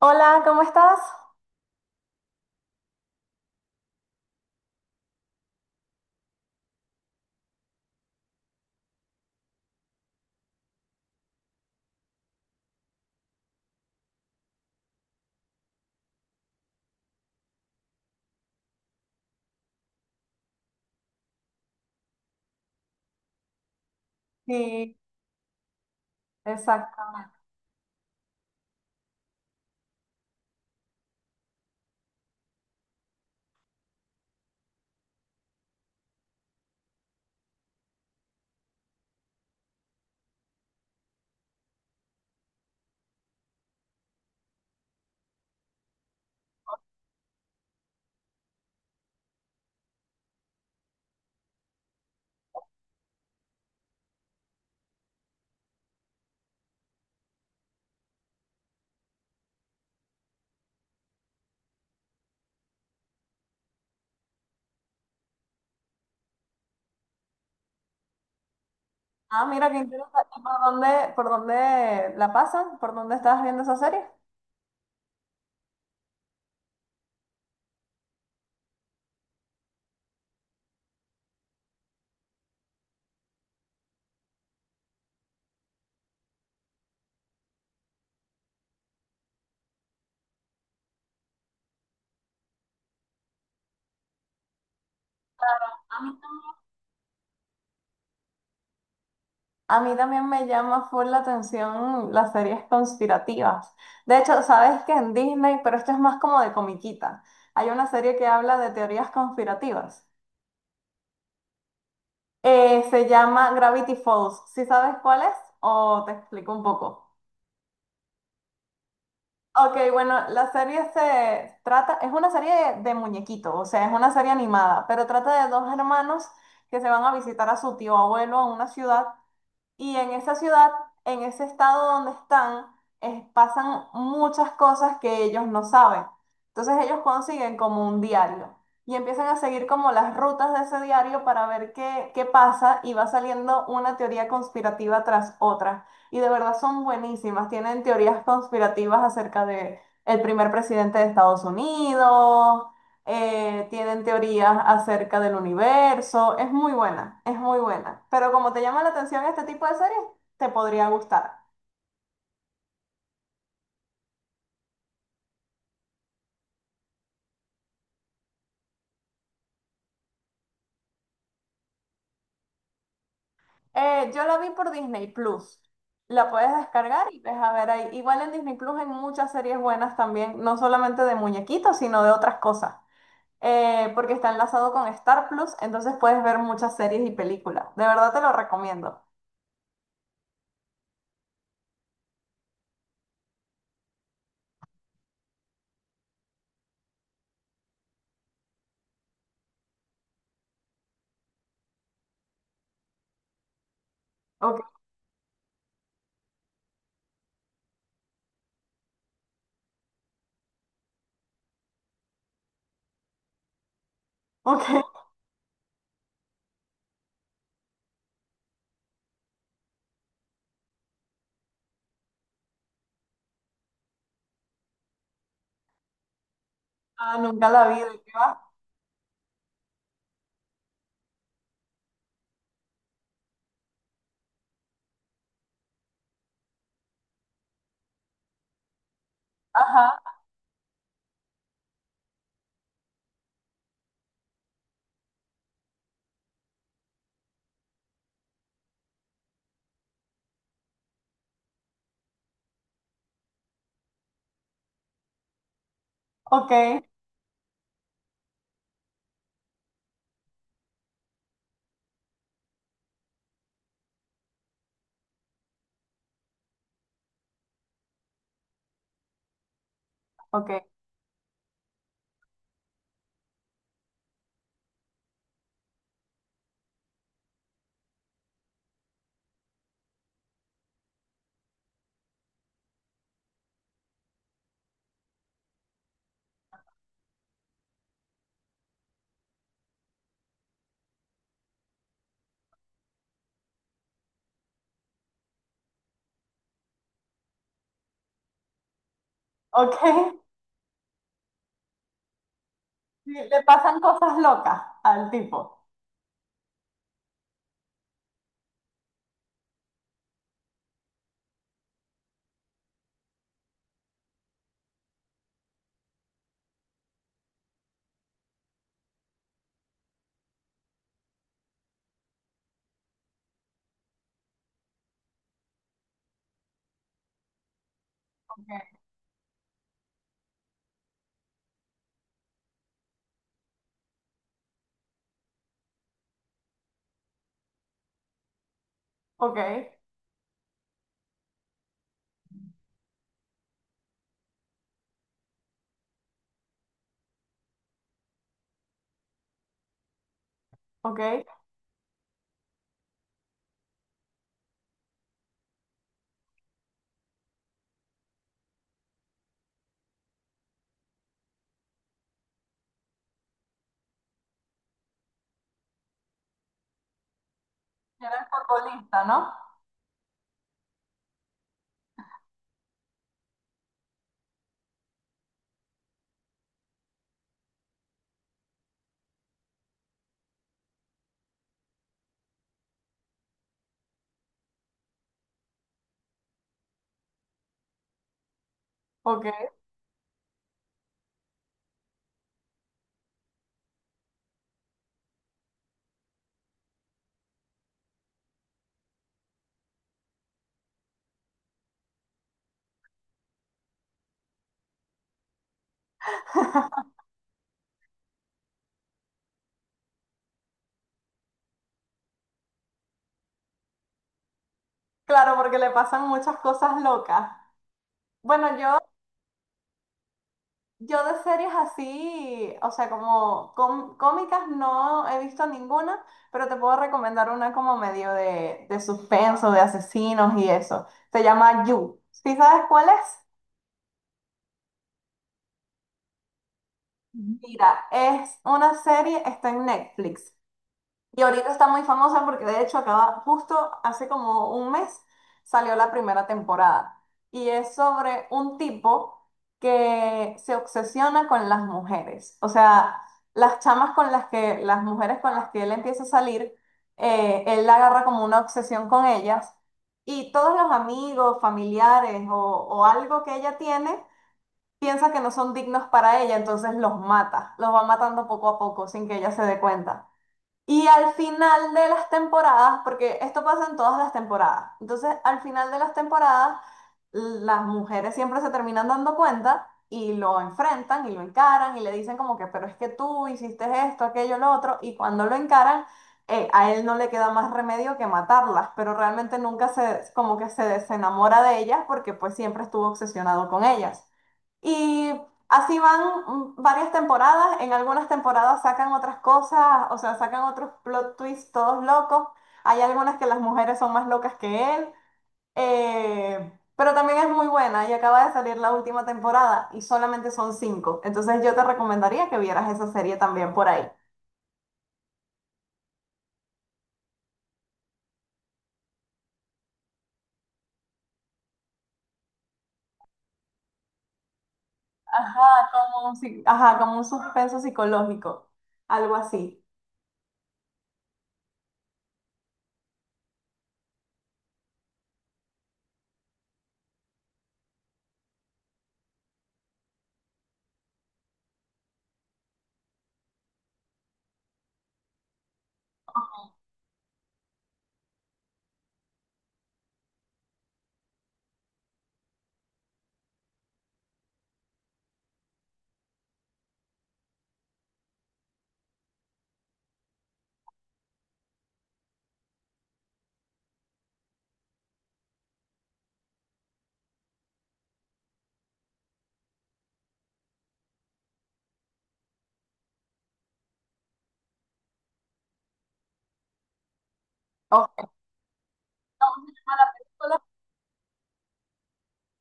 Hola, ¿cómo estás? Sí, exacto. Ah, mira qué interesante. ¿Por dónde la pasan? ¿Por dónde estás viendo esa serie? A mí tam- a mí también me llama full la atención las series conspirativas. De hecho, sabes que en Disney, pero esto es más como de comiquita, hay una serie que habla de teorías conspirativas. Se llama Gravity Falls. ¿Sí sabes cuál es? O te explico un poco. Ok, bueno, la serie se trata, es una serie de muñequitos, o sea, es una serie animada, pero trata de dos hermanos que se van a visitar a su tío abuelo a una ciudad y en esa ciudad, en ese estado donde están, pasan muchas cosas que ellos no saben. Entonces ellos consiguen como un diario y empiezan a seguir como las rutas de ese diario para ver qué pasa y va saliendo una teoría conspirativa tras otra. Y de verdad son buenísimas. Tienen teorías conspirativas acerca de el primer presidente de Estados Unidos, tienen teorías acerca del universo, es muy buena, es muy buena. Pero como te llama la atención este tipo de series, te podría gustar. Yo la vi por Disney Plus. La puedes descargar y ves a ver ahí. Igual en Disney Plus hay muchas series buenas también, no solamente de muñequitos, sino de otras cosas. Porque está enlazado con Star Plus, entonces puedes ver muchas series y películas. De verdad te lo recomiendo. Ok, ok. Ah, nunca la vi, ¿de qué va? Ajá, ok, ok, ok. Sí, le pasan cosas locas al tipo. Ok, ok. Era el futbolista, ¿no? Ok. Claro, porque le pasan muchas cosas locas. Bueno, yo de series así, o sea, como cómicas no he visto ninguna, pero te puedo recomendar una como medio de suspenso, de asesinos y eso. Se llama You. ¿Sí sabes cuál es? Ujú. Mira, es una serie, está en Netflix. Y ahorita está muy famosa porque de hecho acaba, justo hace como un mes salió la primera temporada. Y es sobre un tipo que se obsesiona con las mujeres. O sea, las mujeres con las que él empieza a salir, él la agarra como una obsesión con ellas. Y todos los amigos, familiares o algo que ella tiene, piensa que no son dignos para ella, entonces los mata, los va matando poco a poco sin que ella se dé cuenta. Y al final de las temporadas, porque esto pasa en todas las temporadas, entonces al final de las temporadas las mujeres siempre se terminan dando cuenta y lo enfrentan y lo encaran y le dicen como que, pero es que tú hiciste esto, aquello, lo otro, y cuando lo encaran, a él no le queda más remedio que matarlas, pero realmente nunca se, como que se desenamora de ellas porque pues siempre estuvo obsesionado con ellas. Y así van varias temporadas, en algunas temporadas sacan otras cosas, o sea, sacan otros plot twists todos locos, hay algunas que las mujeres son más locas que él, pero también es muy buena y acaba de salir la última temporada y solamente son 5, entonces yo te recomendaría que vieras esa serie también por ahí. Ajá, ajá, como un suspenso psicológico, algo así. Ok. ¿Cómo se llama la película?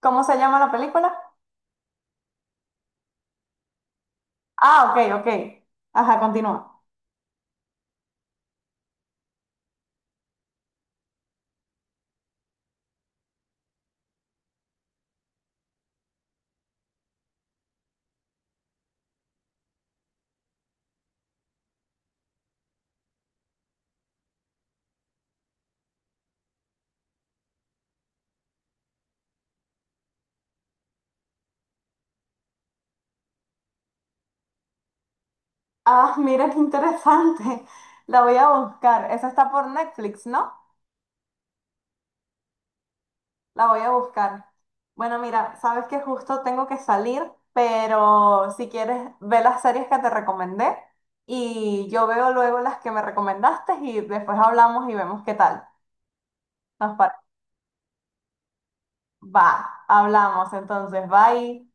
¿Cómo se llama la película? Ah, ok, ok. Ajá, continúa. Ah, mira qué interesante. La voy a buscar. Esa está por Netflix, ¿no? La voy a buscar. Bueno, mira, sabes que justo tengo que salir, pero si quieres, ve las series que te recomendé y yo veo luego las que me recomendaste y después hablamos y vemos qué tal. Nos parece. Va, hablamos entonces. Bye.